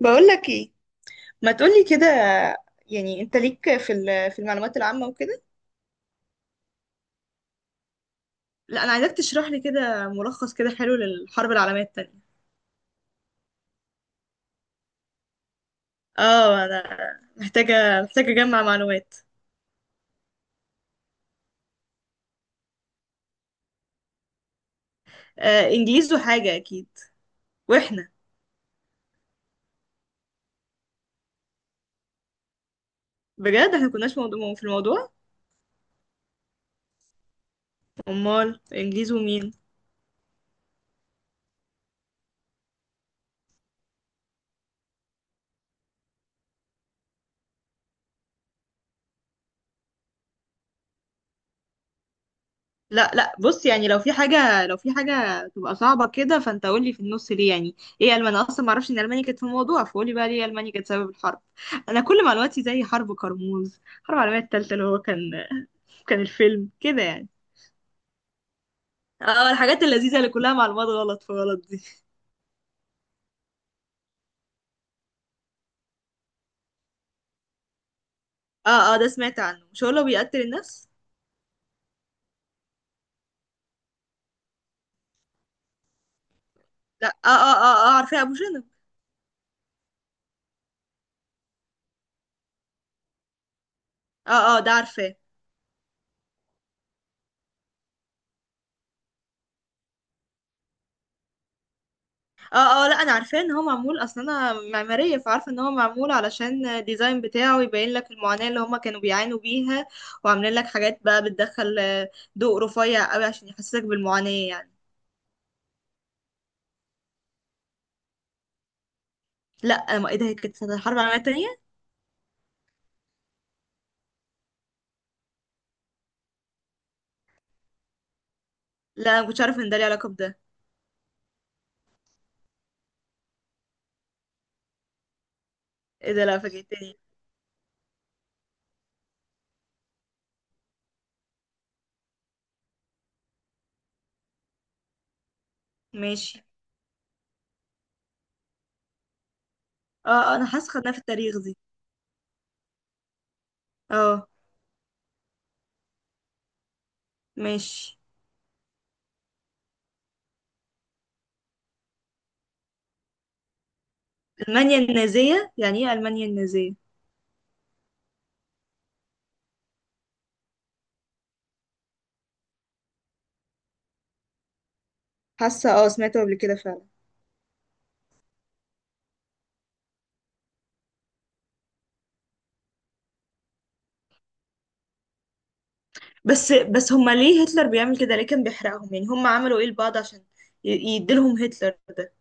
بقولك ايه؟ ما تقولي كده. يعني انت ليك في في المعلومات العامة وكده. لا، انا عايزاك تشرح لي كده ملخص كده حلو للحرب العالمية التانية. اه انا محتاجة اجمع معلومات. انجليز وحاجة اكيد. واحنا، بجد احنا كناش موضوع في الموضوع. امال انجليز ومين؟ لا لا، بص يعني لو في حاجة تبقى صعبة كده فانت قول لي في النص، ليه يعني ايه ألماني؟ انا اصلا ما اعرفش ان ألمانيا كانت في الموضوع، فقولي بقى ليه ألمانيا كانت سبب الحرب. انا كل معلوماتي زي حرب كرموز، حرب العالمية التالتة، اللي هو كان الفيلم كده يعني. اه، الحاجات اللذيذة اللي كلها معلومات غلط في غلط دي. اه اه، ده سمعت عنه، مش هو اللي بيقتل الناس؟ لا، اه اه اه اه، عارفاه، ابو شنب. اه اه، ده عارفاه. اه اه، لا انا عارفاه ان هو معمول اصلا، انا معماريه فعارفه ان هو معمول علشان الديزاين بتاعه يبين لك المعاناه اللي هما كانوا بيعانوا بيها. وعاملين لك حاجات بقى بتدخل، ضوء رفيع قوي عشان يحسسك بالمعاناه يعني. لا، ما ايه ده، هي كانت سنة الحرب العالميه التانية. لا، انا مكنتش عارفه ان ده ليه علاقه بده. ايه ده، لا فاجئتني. ماشي. اه انا حاسه خدناها في التاريخ دي. اه. ماشي. المانيا النازيه، يعني ايه المانيا النازيه؟ حاسه اه، سمعته قبل كده فعلا. بس بس، هما ليه هتلر بيعمل كده، ليه كان بيحرقهم، يعني هما عملوا ايه لبعض عشان يديلهم هتلر ده؟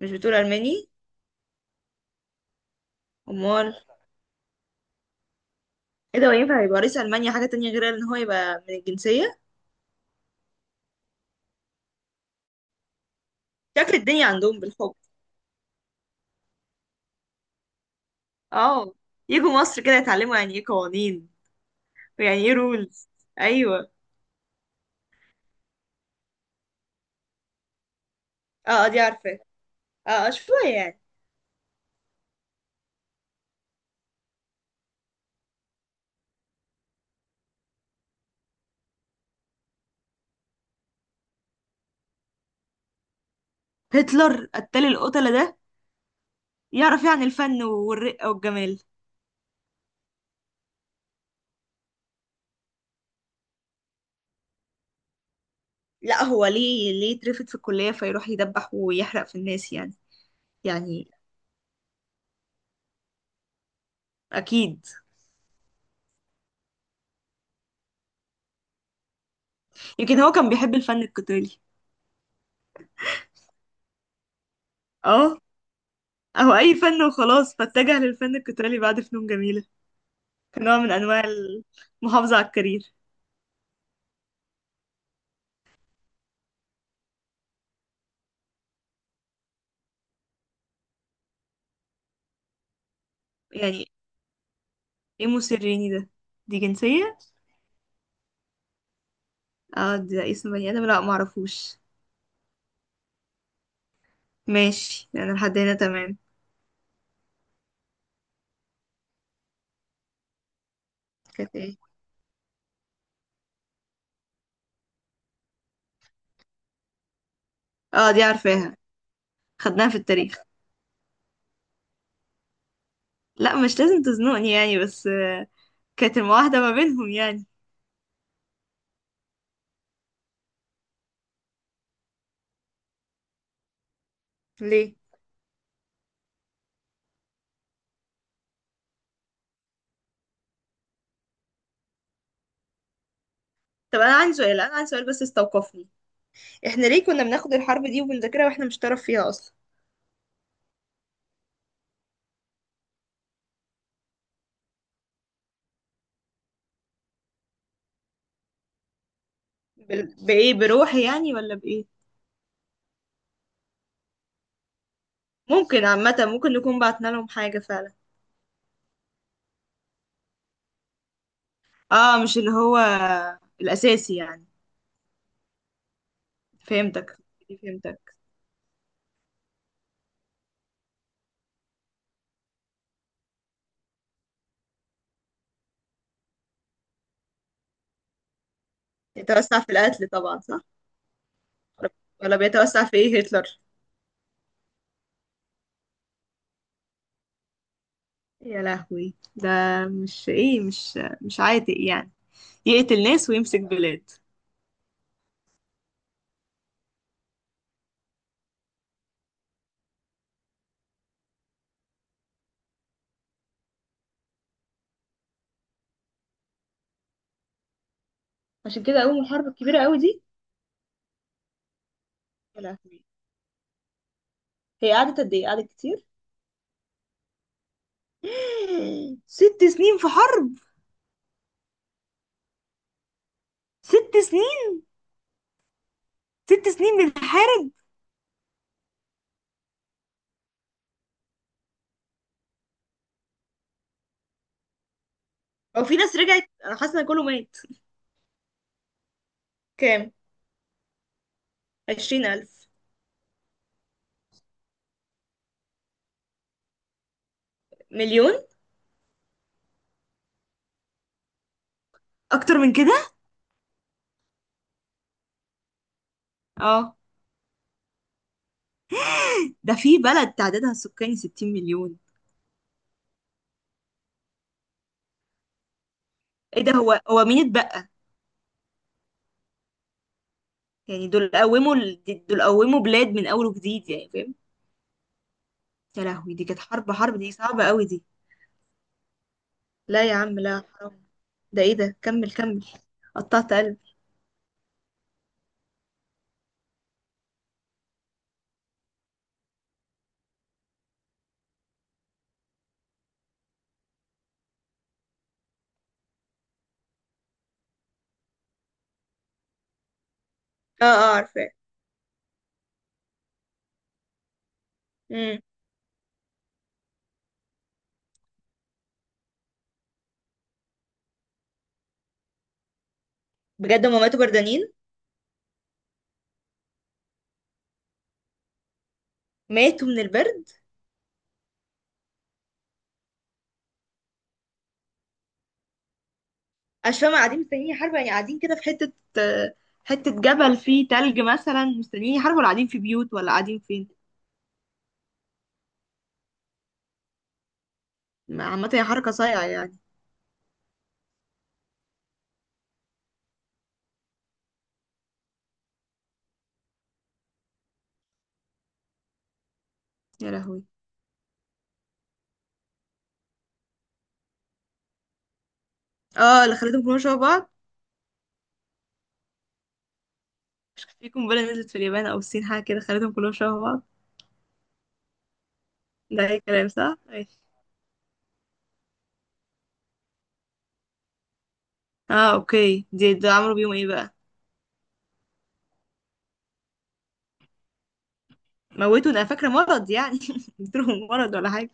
مش بتقول الماني؟ امال؟ ايه ده، هو ينفع يبقى رئيس المانيا حاجه تانية غير ان هو يبقى من الجنسيه؟ شكل الدنيا عندهم بالحب. اه، يجوا مصر كده يتعلموا يعني ايه قوانين ويعني ايه رولز. ايوه. اه دي عارفه. اه شويه يعني. هتلر، قتال القتله ده، يعرف يعني الفن والرقه والجمال؟ لا، هو ليه، ليه اترفد في الكليه فيروح يدبح ويحرق في الناس يعني؟ يعني، اكيد. يمكن هو كان بيحب الفن القتالي. اه. او اي فن وخلاص، فاتجه للفن القتالي بعد فنون جميلة، كنوع من انواع المحافظة على الكارير. يعني ايه موسيريني ده؟ دي جنسية؟ اه، ده اسم بني ادم، لا معرفوش. ماشي، انا لحد هنا تمام. كانت ايه؟ اه دي عارفاها، خدناها في التاريخ. لا مش لازم تزنقني يعني، بس كانت المواحدة ما بينهم يعني. ليه؟ طب انا عندي سؤال بس استوقفني. احنا ليه كنا بناخد الحرب دي وبنذاكرها واحنا مش طرف فيها اصلا؟ بايه، بروحي يعني ولا بايه؟ ممكن، عامة ممكن نكون بعتنا لهم حاجة فعلا. اه، مش اللي هو الأساسي يعني. فهمتك فهمتك. يتوسع في القتل طبعا، صح؟ ولا بيتوسع في ايه هتلر؟ يا لهوي ده، مش ايه، مش عاتق يعني يقتل ناس ويمسك بلاد؟ عشان كده قوم الحرب الكبيرة قوي دي. يا لهوي، هي قعدت قد ايه، قعدت كتير؟ ست سنين في حرب؟ ست سنين. ست سنين بنحارب. هو في ناس رجعت؟ انا حاسه ان كله مات. كام؟ 20000. مليون. اكتر من كده. اه. ده في بلد تعدادها السكاني 60 مليون. ايه ده، هو مين اتبقى؟ يعني دول قوموا دول قوموا بلاد من اول وجديد يعني، فاهم؟ يا لهوي، دي كانت حرب، حرب دي صعبة قوي دي. لا يا عم لا، حرام. ده ايه ده، كمل كمل. قطعت قلبي. اه اه عارفاه. امم بجد هما ماتوا بردانين؟ ماتوا من البرد؟ مش فاهمة، قاعدين مستنيين حرب يعني؟ قاعدين كده في حتة، آه، حتة جبل فيه تلج مثلا مستنيين حرب، ولا قاعدين في بيوت، ولا قاعدين فين؟ عامة هي حركة صايعة يعني. يا لهوي. اه، اللي خليتهم كلهم شبه بعض. في قنبلة نزلت في اليابان أو الصين، حاجة كده خليتهم كلهم شبه بعض. ده أي كلام، صح؟ ماشي. اه، اوكي، دي، ده عملوا بيهم ايه بقى؟ موتوا؟ ده أنا فاكرة مرض يعني، اديتهم مرض ولا حاجة.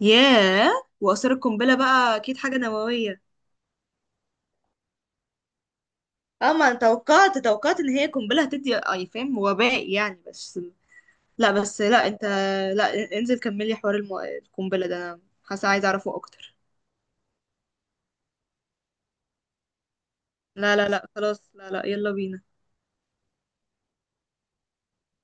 ياه. وآثار القنبلة بقى أكيد حاجة نووية. اه، ما أنا توقعت إن هي قنبلة هتدي أي فاهم وباء يعني بس. لا بس، لا أنت، لا انزل كملي حوار القنبلة ده، أنا حاسة عايزة أعرفه أكتر. لا لا لا خلاص، لا لا، يلا بينا.